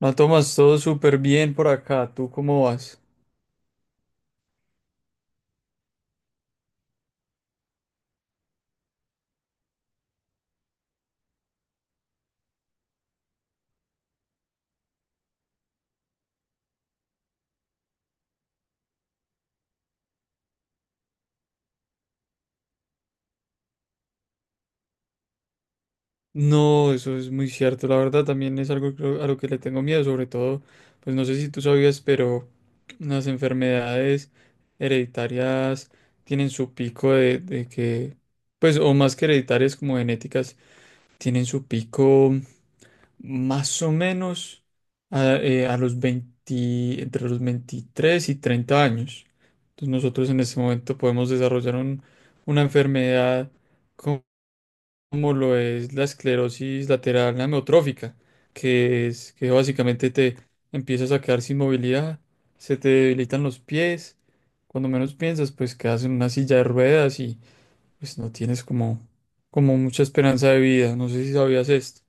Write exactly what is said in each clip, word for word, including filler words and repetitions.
No, tomas todo súper bien por acá. ¿Tú cómo vas? No, eso es muy cierto. La verdad también es algo que- a lo que le tengo miedo. Sobre todo, pues no sé si tú sabías, pero las enfermedades hereditarias tienen su pico de, de que, pues, o más que hereditarias, como genéticas, tienen su pico, más o menos a, eh, a los veinte, entre los veintitrés y treinta años. Entonces nosotros en este momento podemos desarrollar un- una enfermedad co- como lo es la esclerosis lateral amiotrófica, que es que básicamente te empiezas a quedar sin movilidad, se te debilitan los pies, cuando menos piensas, pues quedas en una silla de ruedas y pues no tienes como, como mucha esperanza de vida. No sé si sabías esto.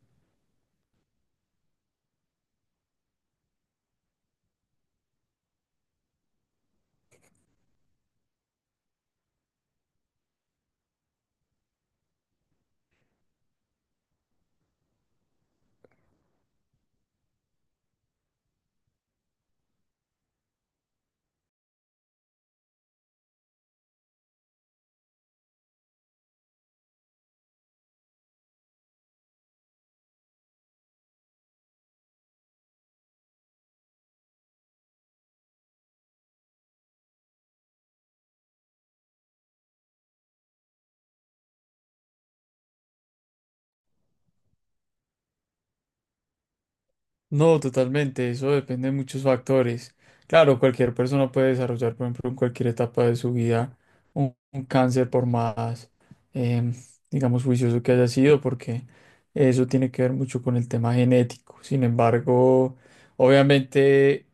No, totalmente, eso depende de muchos factores. Claro, cualquier persona puede desarrollar, por ejemplo, en cualquier etapa de su vida un, un cáncer, por más, em, digamos, juicioso que haya sido, porque eso tiene que ver mucho con el tema genético. Sin embargo, obviamente,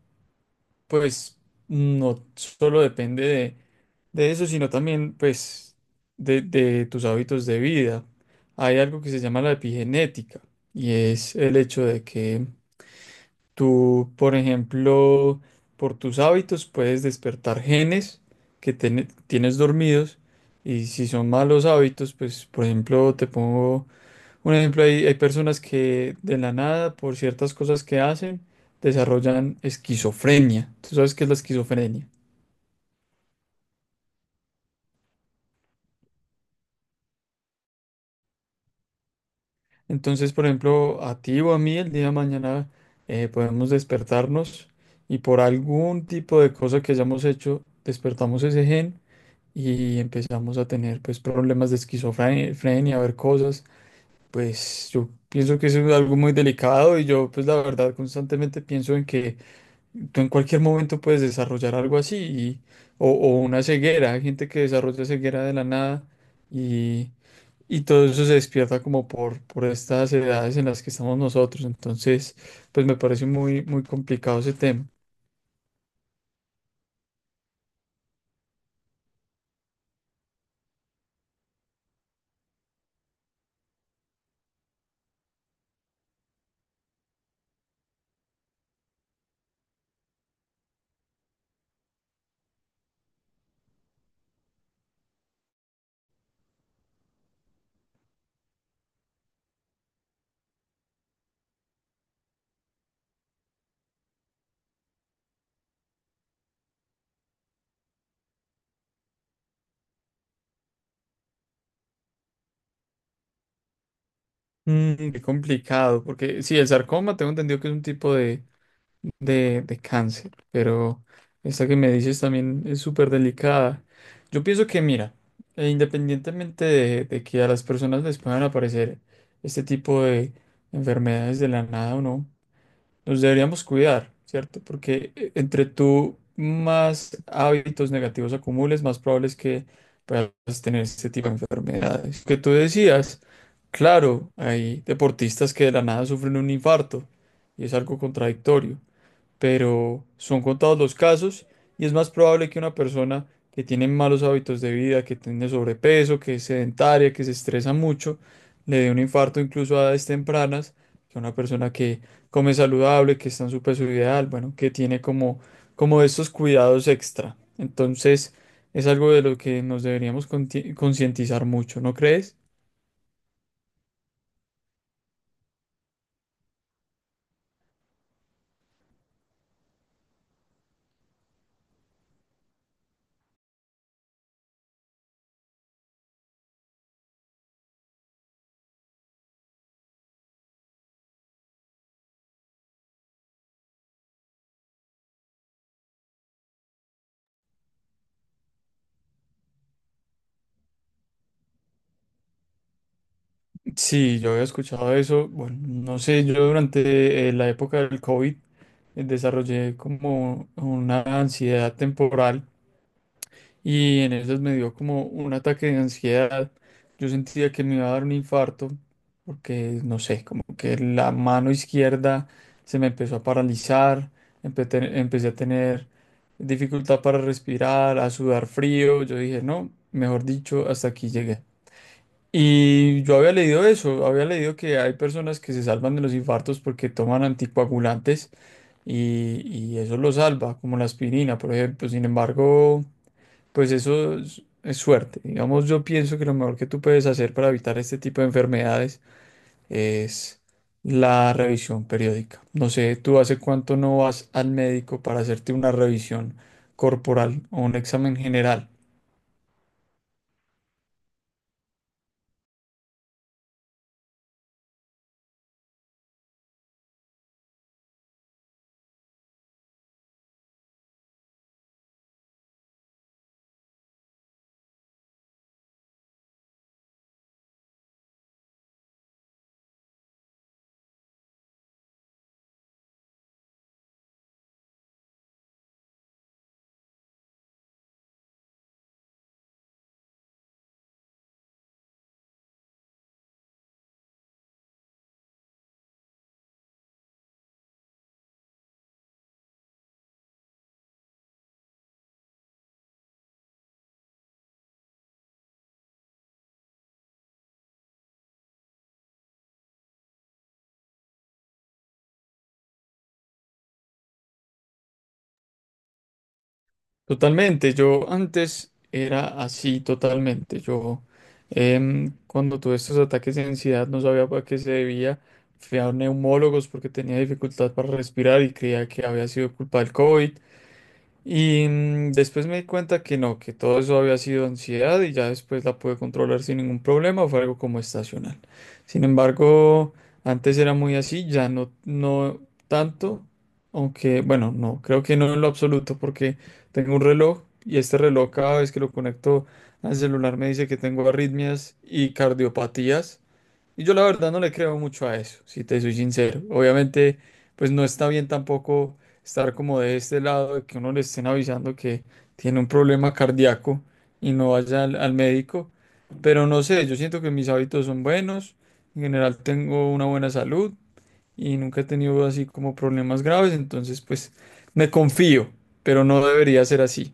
pues no solo depende de, de eso, sino también, pues, de, de tus hábitos de vida. Hay algo que se llama la epigenética y es el hecho de que tú, por ejemplo, por tus hábitos puedes despertar genes que ten- tienes dormidos. Y si son malos hábitos, pues, por ejemplo, te pongo un ejemplo, hay, hay personas que de la nada, por ciertas cosas que hacen, desarrollan esquizofrenia. ¿Tú sabes qué es la esquizofrenia? Entonces, por ejemplo, a ti o a mí el día de mañana, eh, podemos despertarnos y por algún tipo de cosa que hayamos hecho, despertamos ese gen y empezamos a tener pues problemas de esquizofrenia, a ver cosas. Pues yo pienso que eso es algo muy delicado y yo pues la verdad constantemente pienso en que tú en cualquier momento puedes desarrollar algo así y- o, o una ceguera. Hay gente que desarrolla ceguera de la nada, y, y todo eso se despierta como por, por estas edades en las que estamos nosotros. Entonces pues me parece muy, muy complicado ese tema. Mm, qué complicado, porque sí, el sarcoma tengo entendido que es un tipo de, de, de cáncer, pero esta que me dices también es súper delicada. Yo pienso que, mira, eh, independientemente de, de que a las personas les puedan aparecer este tipo de enfermedades de la nada o no, nos deberíamos cuidar, ¿cierto? Porque eh, entre tú más hábitos negativos acumules, más probable es que puedas tener este tipo de enfermedades. Que tú decías, claro, hay deportistas que de la nada sufren un infarto y es algo contradictorio, pero son contados los casos, y es más probable que una persona que tiene malos hábitos de vida, que tiene sobrepeso, que es sedentaria, que se estresa mucho, le dé un infarto incluso a edades tempranas, que una persona que come saludable, que está en su peso ideal, bueno, que tiene como, como estos cuidados extra. Entonces, es algo de lo que nos deberíamos conti- concientizar mucho, ¿no crees? Sí, yo había escuchado eso. Bueno, no sé, yo durante eh, la época del COVID eh, desarrollé como una ansiedad temporal, y en esas me dio como un ataque de ansiedad. Yo sentía que me iba a dar un infarto, porque, no sé, como que la mano izquierda se me empezó a paralizar, empecé, empecé a tener dificultad para respirar, a sudar frío. Yo dije, no, mejor dicho, hasta aquí llegué. Y yo había leído eso, había leído que hay personas que se salvan de los infartos porque toman anticoagulantes y, y eso lo salva, como la aspirina, por ejemplo. Sin embargo, pues eso es, es suerte. Digamos, yo pienso que lo mejor que tú puedes hacer para evitar este tipo de enfermedades es la revisión periódica. No sé, ¿tú hace cuánto no vas al médico para hacerte una revisión corporal o un examen general? Totalmente, yo antes era así totalmente. Yo em, cuando tuve estos ataques de ansiedad no sabía para qué se debía. Fui a neumólogos porque tenía dificultad para respirar y creía que había sido culpa del COVID. Y mm, después me di cuenta que no, que todo eso había sido ansiedad y ya después la pude controlar sin ningún problema, fue algo como estacional. Sin embargo, antes era muy así, ya no, no tanto, aunque bueno, no, creo que no en lo absoluto, porque tengo un reloj y este reloj cada vez que lo conecto al celular me dice que tengo arritmias y cardiopatías. Y yo la verdad no le creo mucho a eso, si te soy sincero. Obviamente, pues no está bien tampoco estar como de este lado, de que uno le estén avisando que tiene un problema cardíaco y no vaya al, al médico. Pero no sé, yo siento que mis hábitos son buenos, en general tengo una buena salud y nunca he tenido así como problemas graves, entonces pues me confío, pero no debería ser así.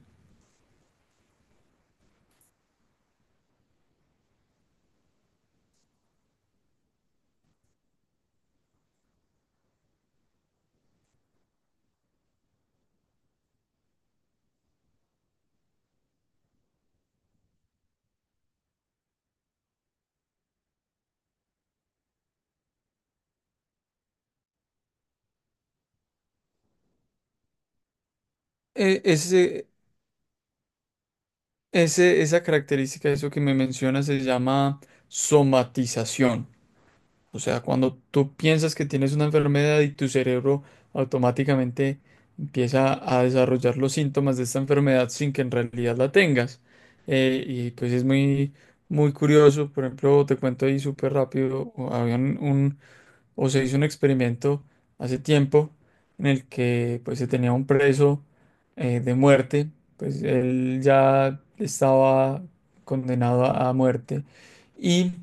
E- ese, ese, esa característica, eso que me menciona, se llama somatización. O sea, cuando tú piensas que tienes una enfermedad y tu cerebro automáticamente empieza a desarrollar los síntomas de esta enfermedad sin que en realidad la tengas. Eh, y pues es muy, muy curioso. Por ejemplo, te cuento ahí súper rápido, o había un, un- o se hizo un experimento hace tiempo en el que pues se tenía un preso eh, de muerte, pues él ya estaba condenado a a muerte. Y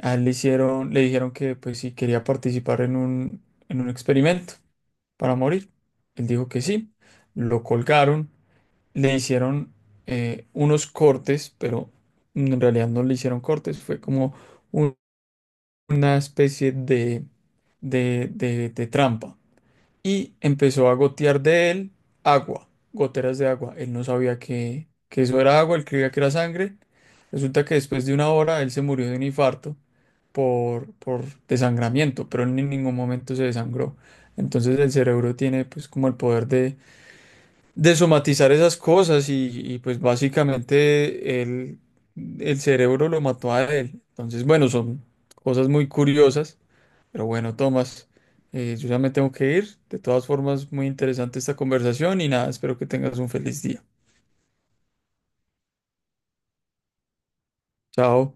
a él le hicieron, le dijeron que pues si quería participar en un, en un experimento para morir. Él dijo que sí, lo colgaron, le hicieron eh, unos cortes, pero en realidad no le hicieron cortes, fue como un- una especie de, de, de, de trampa. Y empezó a gotear de él agua, goteras de agua. Él no sabía que, que eso era agua, él creía que era sangre. Resulta que después de una hora él se murió de un infarto por, por desangramiento, pero él en ningún momento se desangró. Entonces el cerebro tiene pues como el poder de, de somatizar esas cosas y, y, pues básicamente él- el cerebro lo mató a él. Entonces bueno, son cosas muy curiosas, pero bueno, Tomás, eh, yo ya me tengo que ir. De todas formas, muy interesante esta conversación y nada, espero que tengas un feliz día. Chao.